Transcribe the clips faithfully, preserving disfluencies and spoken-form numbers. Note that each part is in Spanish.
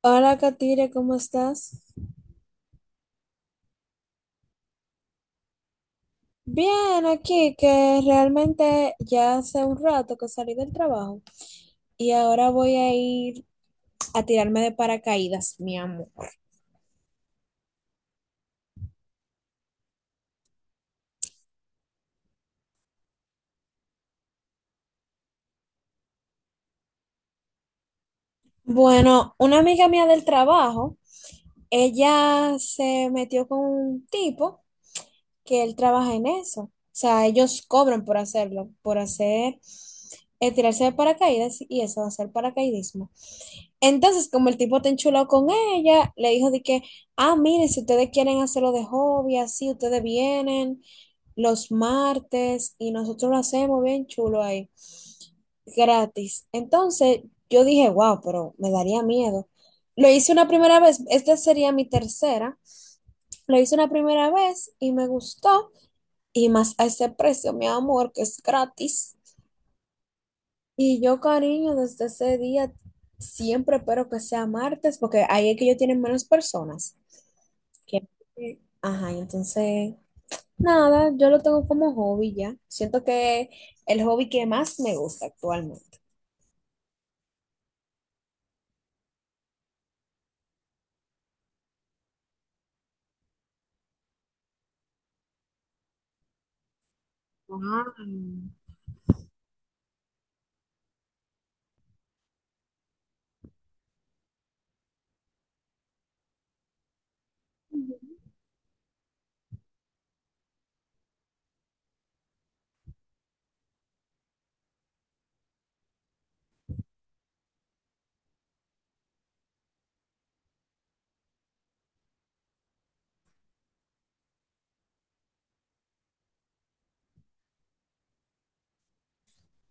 Hola, Katire, ¿cómo estás? Bien, aquí que realmente ya hace un rato que salí del trabajo y ahora voy a ir a tirarme de paracaídas, mi amor. Bueno, una amiga mía del trabajo, ella se metió con un tipo que él trabaja en eso. O sea, ellos cobran por hacerlo, por hacer, eh, tirarse de paracaídas y eso, hacer paracaidismo. Entonces, como el tipo te enchuló con ella, le dijo de que, ah, miren, si ustedes quieren hacerlo de hobby, así, ustedes vienen los martes y nosotros lo hacemos bien chulo ahí, gratis. Entonces, yo dije, wow, pero me daría miedo. Lo hice una primera vez, esta sería mi tercera. Lo hice una primera vez y me gustó, y más a ese precio, mi amor, que es gratis. Y yo, cariño, desde ese día siempre espero que sea martes, porque ahí es que ellos tienen menos personas. que- Ajá, y entonces, nada, yo lo tengo como hobby ya. Siento que el hobby que más me gusta actualmente. Wow.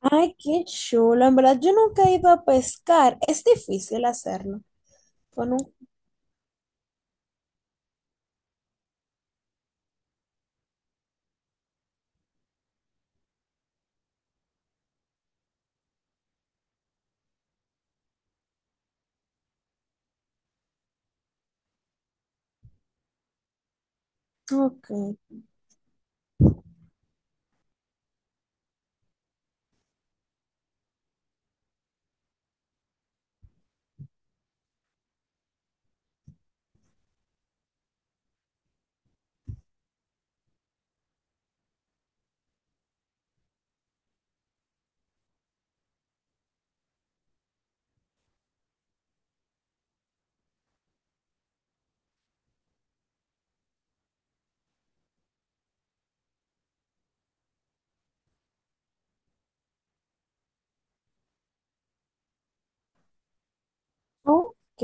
Ay, qué chulo. En verdad, yo nunca he ido a pescar. Es difícil hacerlo. Pues no. Ok. Ok.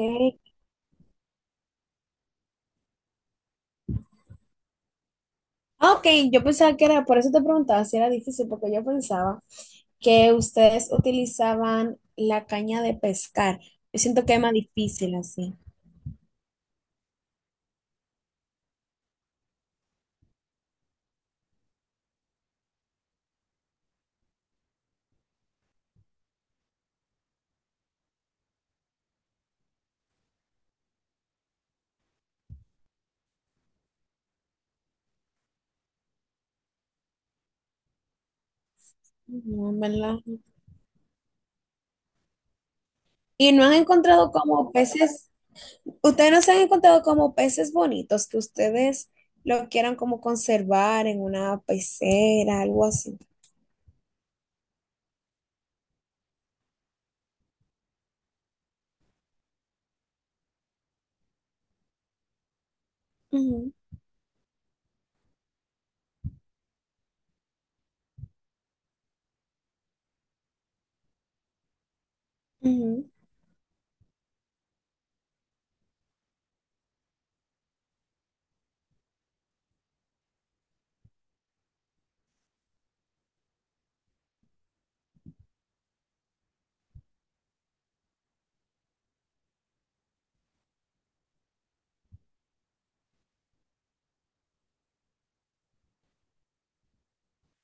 Ah, ok, yo pensaba que era, por eso te preguntaba si era difícil, porque yo pensaba que ustedes utilizaban la caña de pescar. Yo siento que es más difícil así. No, ¿en verdad? Y no han encontrado como peces, ustedes no se han encontrado como peces bonitos que ustedes lo quieran como conservar en una pecera, algo así. Ujú,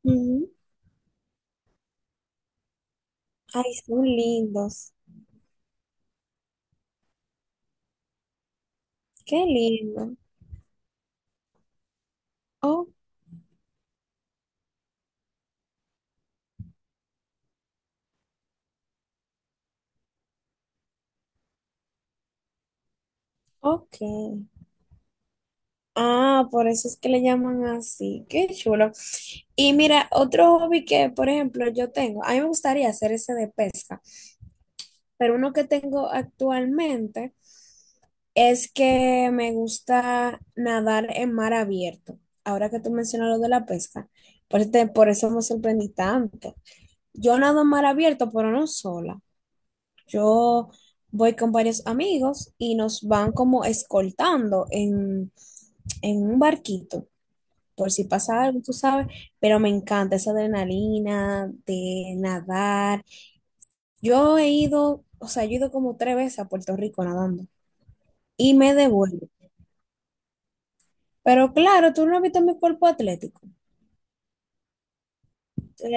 ujú, ujú. Ay, son lindos. Qué lindo. Oh, ok. Ah, por eso es que le llaman así. Qué chulo. Y mira, otro hobby que, por ejemplo, yo tengo, a mí me gustaría hacer ese de pesca, pero uno que tengo actualmente es que me gusta nadar en mar abierto. Ahora que tú mencionas lo de la pesca, por, este- por eso me sorprendí tanto. Yo nado en mar abierto, pero no sola. Yo voy con varios amigos y nos van como escoltando en, en un barquito, por si pasa algo, tú sabes, pero me encanta esa adrenalina de nadar. Yo he ido, o sea, yo he ido como tres veces a Puerto Rico nadando y me devuelvo. Pero claro, tú no has visto mi cuerpo atlético.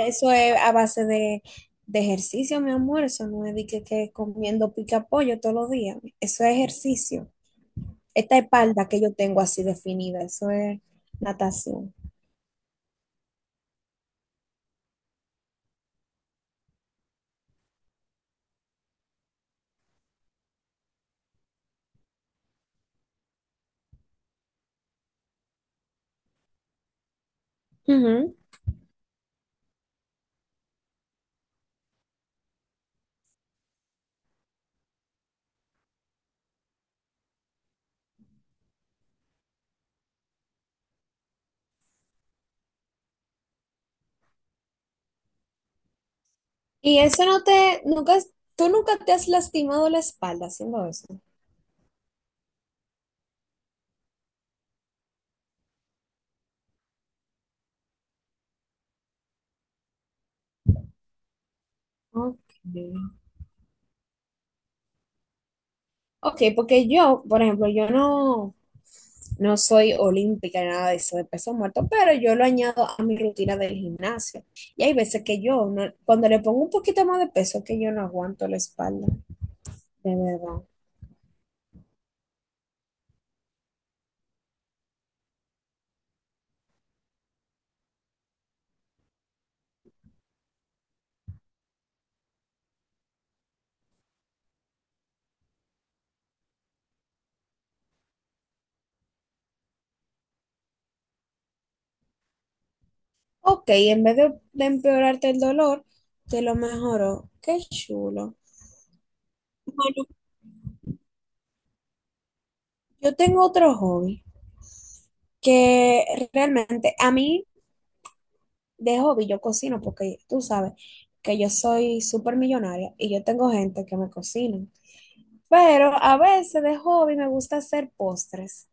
Eso es a base de, de ejercicio, mi amor. Eso no es de que, que comiendo pica pollo todos los días. Eso es ejercicio. Esta espalda que yo tengo así definida, eso es natación. Ujú. Y eso no te, nunca, tú nunca te has lastimado la espalda haciendo eso. Ok, ok, porque yo, por ejemplo, yo no, no soy olímpica ni nada de eso, de peso muerto, pero yo lo añado a mi rutina del gimnasio. Y hay veces que yo, no- cuando le pongo un poquito más de peso, que yo no aguanto la espalda, de verdad. Ok, en vez de, de empeorarte el dolor, te lo mejoró. Qué chulo. Bueno, yo tengo otro hobby que realmente a mí de hobby yo cocino porque tú sabes que yo soy súper millonaria y yo tengo gente que me cocina. Pero a veces de hobby me gusta hacer postres.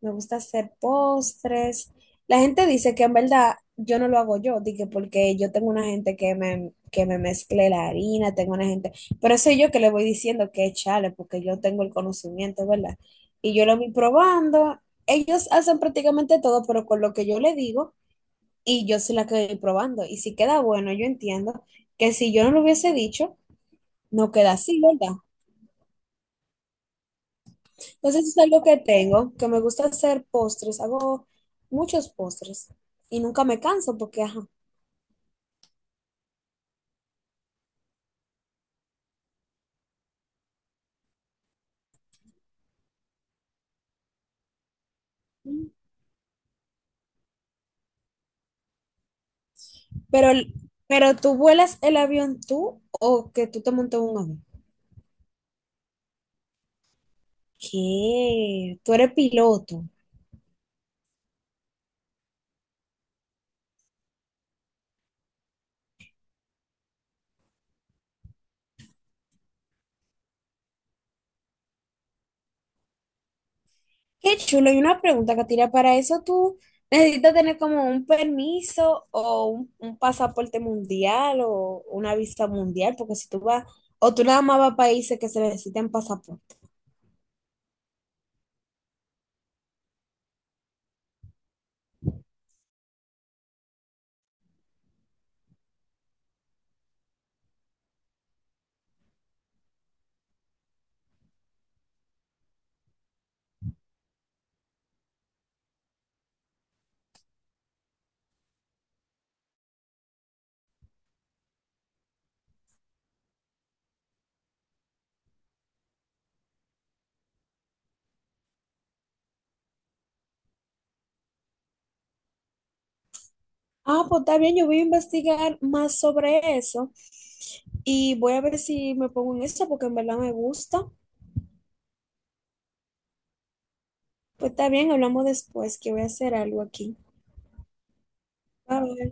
Me gusta hacer postres. La gente dice que en verdad yo no lo hago yo, di que porque yo tengo una gente que me, que me mezcle la harina, tengo una gente, pero soy yo que le voy diciendo que echarle porque yo tengo el conocimiento, ¿verdad? Y yo lo voy probando. Ellos hacen prácticamente todo, pero con lo que yo le digo y yo soy la que probando. Y si queda bueno, yo entiendo que si yo no lo hubiese dicho, no queda así, ¿verdad? Entonces es algo que tengo, que me gusta hacer postres, hago muchos postres y nunca me canso porque, ajá. Pero, pero tú vuelas el avión tú o que tú te montas en un avión. ¿Qué? Tú eres piloto. Qué chulo. Y una pregunta, Katiria, ¿para eso tú necesitas tener como un permiso o un, un pasaporte mundial o una visa mundial? Porque si tú vas, o tú nada más vas a países que se necesitan pasaporte. Ah, pues está bien, yo voy a investigar más sobre eso y voy a ver si me pongo en esto porque en verdad me gusta. Pues está bien, hablamos después, que voy a hacer algo aquí. Bye.